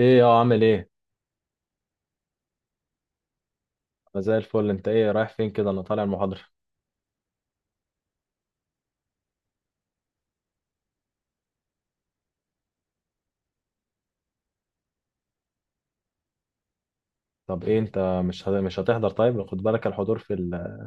ايه يا عامل ايه؟ انا زي الفل، انت ايه رايح فين كده؟ انا طالع المحاضره. طب ايه انت، مش هتحضر؟ طيب خد بالك الحضور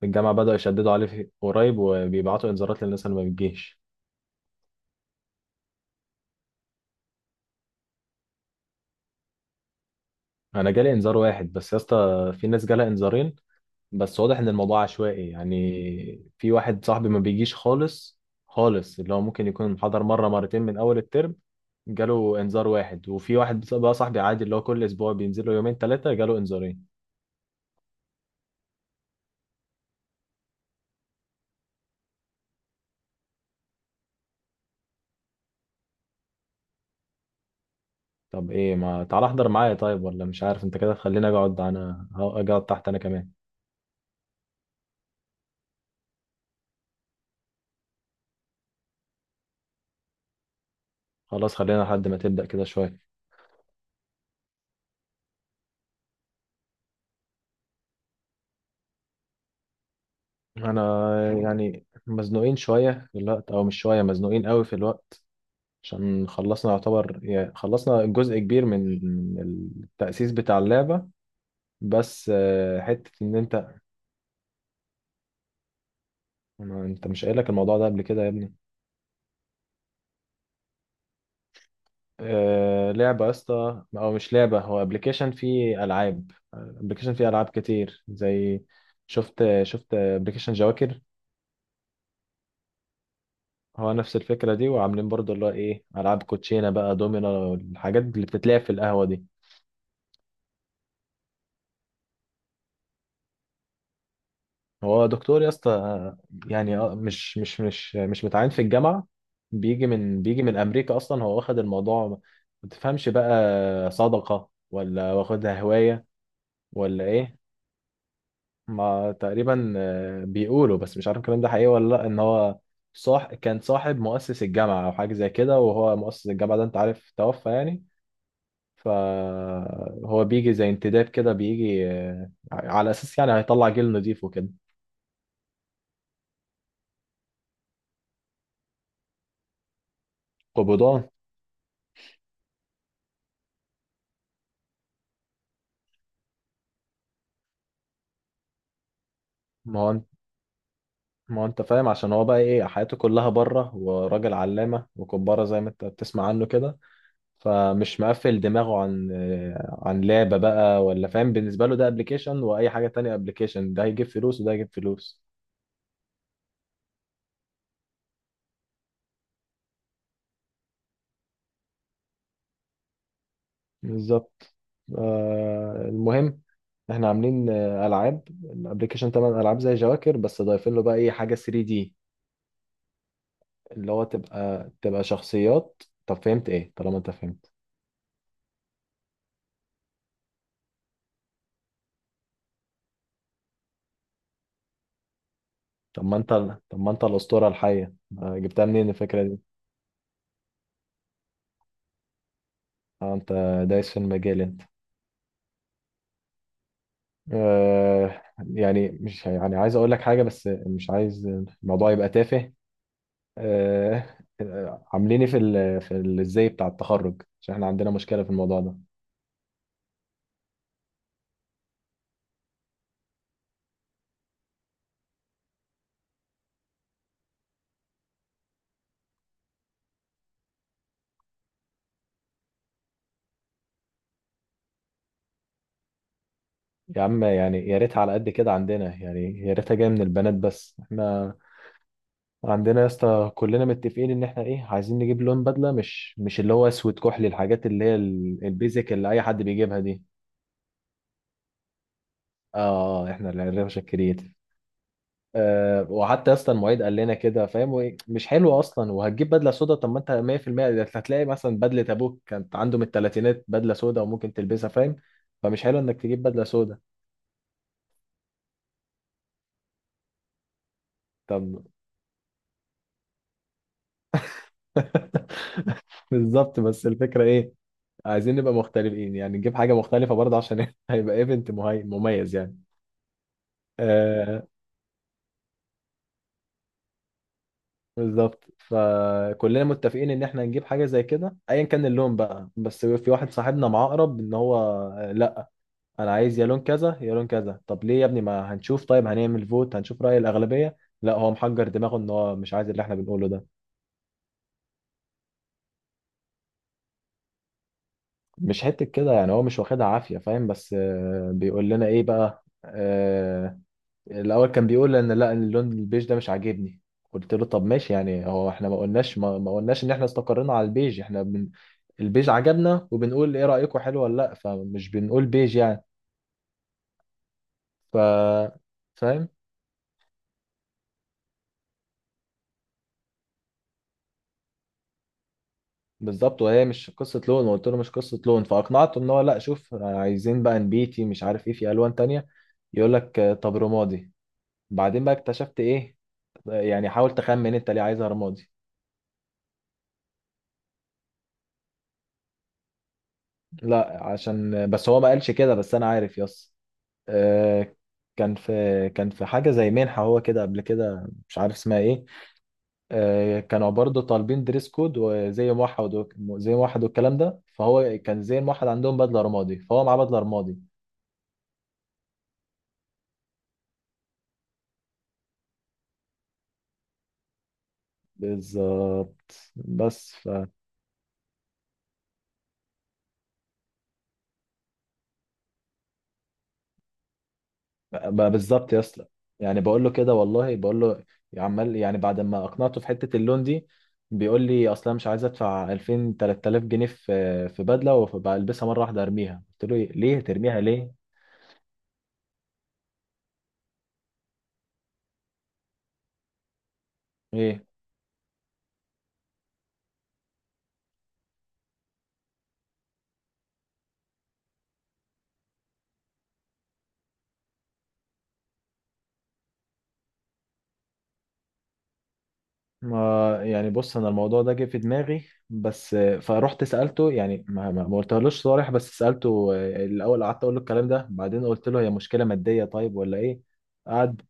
في الجامعه بداوا يشددوا عليه قريب، وبيبعتوا انذارات للناس اللي ما بتجيش. انا جالي انذار واحد بس يا اسطى، في ناس جالها انذارين، بس واضح ان الموضوع عشوائي. يعني في واحد صاحبي ما بيجيش خالص، اللي هو ممكن يكون حضر مره مرتين من اول الترم جاله انذار واحد، وفي واحد بقى صاحبي عادي اللي هو كل اسبوع بينزل له يومين ثلاثه جاله انذارين. طب ايه، ما تعال احضر معايا. طيب ولا مش عارف، انت كده خليني اقعد انا، اقعد تحت انا كمان. خلاص خلينا لحد ما تبدأ كده شوية. انا يعني مزنوقين شوية في الوقت، او مش شوية، مزنوقين قوي في الوقت، عشان خلصنا يعتبر، يعني خلصنا جزء كبير من من التأسيس بتاع اللعبة. بس حتة ان انت. انت مش قايل لك الموضوع ده قبل كده يا ابني؟ لعبة يا اسطى، او مش لعبة، هو ابلكيشن فيه العاب كتير زي، شفت ابلكيشن جواكر. هو نفس الفكرة دي، وعاملين برضه اللي هو ايه، العاب كوتشينة بقى، دومينو، الحاجات اللي بتتلعب في القهوة دي. هو دكتور يا اسطى، يعني مش متعين في الجامعة. بيجي من، امريكا اصلا. هو واخد الموضوع، ما تفهمش بقى، صدقة ولا واخدها هواية ولا ايه. ما تقريبا بيقولوا، بس مش عارف الكلام ده حقيقي ولا لا، ان هو صاح كان صاحب مؤسس الجامعة او حاجة زي كده، وهو مؤسس الجامعة ده انت عارف توفى يعني. فهو بيجي زي انتداب كده، بيجي على اساس يعني هيطلع جيل نضيف وكده. قبضان. ما هو انت- ما هو انت فاهم، عشان هو بقى ايه، حياته كلها بره، وراجل علامة وكبارة زي ما انت بتسمع عنه كده. فمش مقفل دماغه عن، لعبة بقى ولا فاهم. بالنسبة له ده ابلكيشن وأي حاجة تانية ابلكيشن، ده هيجيب فلوس وده هيجيب فلوس. بالظبط. آه، المهم احنا عاملين ألعاب الابلكيشن، طبعا ألعاب زي جواكر، بس ضايفين له بقى ايه، حاجة 3 دي، اللي هو تبقى، شخصيات. طب فهمت ايه؟ طالما انت فهمت. طب ما انت طب ما انت الأسطورة الحية، جبتها منين الفكرة دي؟ اه، دايس في المجال انت. آه، يعني مش يعني، عايز اقول لك حاجه بس مش عايز الموضوع يبقى تافه. عامليني في ال، ازاي بتاع التخرج؟ عشان احنا عندنا مشكله في الموضوع ده. يا عم، يعني يا ريتها على قد كده عندنا، يعني يا ريتها جايه من البنات بس. احنا عندنا يا اسطى كلنا متفقين ان احنا ايه، عايزين نجيب لون بدله مش اللي هو اسود، كحلي، الحاجات اللي هي البيزك اللي اي حد بيجيبها دي. اه، احنا اللي هنرفش. وحتى اصلا المعيد قال لنا كده فاهم، وإيه، مش حلو اصلا، وهتجيب بدله سودا؟ طب ما انت 100% ده هتلاقي مثلا بدله ابوك كانت عنده من الثلاثينات بدله سودا وممكن تلبسها فاهم. فمش حلو انك تجيب بدله سودا. طب. بالظبط، بس الفكره ايه، عايزين نبقى مختلفين، يعني نجيب حاجه مختلفه برضه، عشان هيبقى ايفنت مميز يعني. آه، بالظبط، فكلنا متفقين ان احنا نجيب حاجه زي كده ايا كان اللون بقى. بس في واحد صاحبنا معاه اقرب، ان هو انا عايز يا لون كذا يا لون كذا. طب ليه يا ابني، ما هنشوف، طيب هنعمل فوت، هنشوف رأي الأغلبية. لا هو محجر دماغه، ان هو مش عايز اللي احنا بنقوله ده. مش حتة كده يعني، هو مش واخدها عافية فاهم، بس بيقول لنا ايه بقى، الأول كان بيقول ان لا، اللون البيج ده مش عاجبني. قلت له طب ماشي، يعني هو احنا ما قلناش، ما قلناش ان احنا استقرينا على البيج، احنا البيج عجبنا، وبنقول ايه رأيكم حلو ولا لا، فمش بنقول بيج يعني. ف فاهم. بالظبط، وهي مش قصه لون، وقلت له مش قصه لون. فاقنعته ان هو، لا شوف عايزين بقى نبيتي مش عارف ايه، في الوان تانية. يقول لك طب رمادي. بعدين بقى اكتشفت ايه، يعني حاول تخمن انت ليه عايزها رمادي. لا عشان، بس هو ما قالش كده، بس انا عارف. يس، آه، كان في، حاجه زي منحه هو كده قبل كده مش عارف اسمها ايه. كانوا برضه طالبين دريس كود وزي موحد، زي موحد والكلام ده، فهو كان زي موحد عندهم بدله رمادي، فهو معاه بدله رمادي. بالظبط. بس بقى بالظبط يا اسطى، يعني بقول له كده والله، بقول له، عمال يعني بعد ما اقنعته في حته اللون دي، بيقول لي اصلا مش عايز ادفع 2000 3000 جنيه في بدله وبلبسها مره واحده ارميها. قلت له إيه؟ ليه ترميها ليه؟ ايه؟ ما يعني بص، انا الموضوع ده جه في دماغي بس. فروحت سالته يعني، ما قلتهالوش صريح بس سالته. الاول قعدت اقول له الكلام ده، بعدين قلت له هي مشكله ماديه طيب ولا ايه. قعد،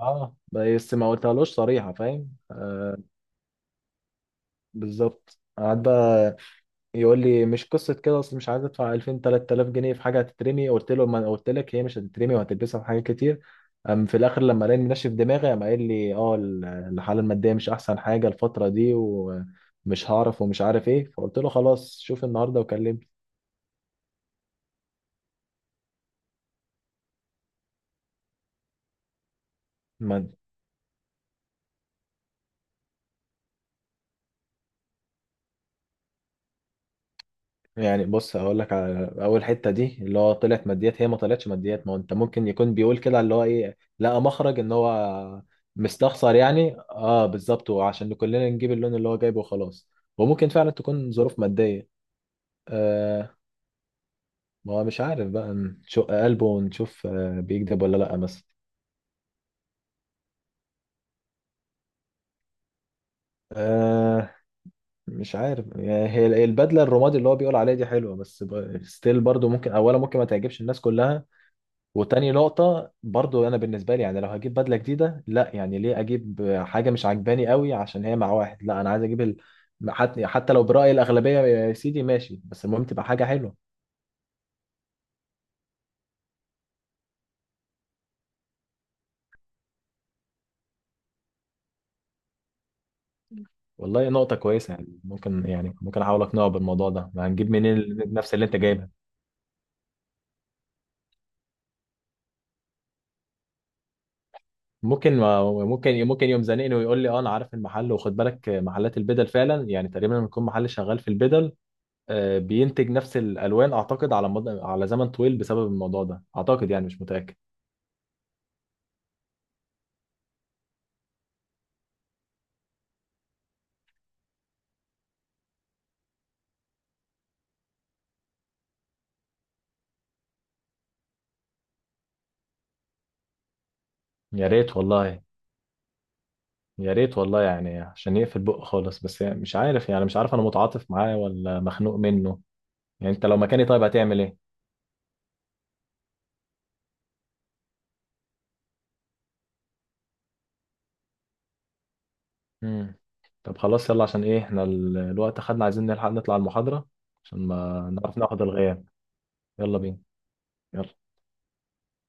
اه، بس ما قلتهالوش صريحة فاهم. آه، بالظبط. قعد بقى يقول لي مش قصة كده، اصل مش عايز ادفع 2000 3000 جنيه في حاجة هتترمي. قلت له ما أنا قلت لك هي مش هتترمي، وهتلبسها في حاجات كتير. أم في الاخر لما لقاني منشف دماغي، قام قايل لي اه، الحالة المادية مش احسن حاجة الفترة دي، ومش هعرف ومش عارف ايه. فقلت له خلاص، شوف النهاردة وكلمني. ما يعني بص، هقول لك على اول حته دي اللي هو طلعت ماديات، هي ما طلعتش ماديات، ما هو انت ممكن يكون بيقول كده، اللي هو ايه، لقى مخرج ان هو مستخسر يعني. اه بالظبط، وعشان كلنا نجيب اللون اللي هو جايبه وخلاص. وممكن فعلا تكون ظروف ماديه. آه، ما هو مش عارف بقى، نشق قلبه ونشوف آه بيكذب ولا لا مثلا. آه، مش عارف يعني، هي البدله الرمادي اللي هو بيقول عليها دي حلوه، بس ستيل برضو، ممكن اولا ممكن ما تعجبش الناس كلها. وتاني نقطة برضو، أنا بالنسبة لي يعني، لو هجيب بدلة جديدة، لا يعني ليه أجيب حاجة مش عاجباني قوي عشان هي مع واحد؟ لا، أنا عايز أجيب حتى لو برأي الأغلبية يا سيدي ماشي، بس المهم تبقى حاجة حلوة. والله نقطة كويسة، يعني ممكن، يعني ممكن أحاول أقنعه بالموضوع ده، ما هنجيب منين نفس اللي أنت جايبها. ممكن، ممكن يوم زنقني ويقول لي أه أنا عارف المحل. وخد بالك محلات البدل فعلا يعني تقريبا، لما يكون محل شغال في البدل، بينتج نفس الألوان أعتقد على مدى، على زمن طويل، بسبب الموضوع ده أعتقد، يعني مش متأكد. يا ريت والله، يا ريت والله، يعني عشان يقفل بق خالص بس. يعني مش عارف، انا متعاطف معاه ولا مخنوق منه. يعني انت لو مكاني طيب هتعمل ايه؟ امم طب خلاص يلا، عشان ايه، احنا الوقت خدنا، عايزين نلحق نطلع المحاضرة عشان ما نعرف ناخد الغياب. يلا بينا. يلا.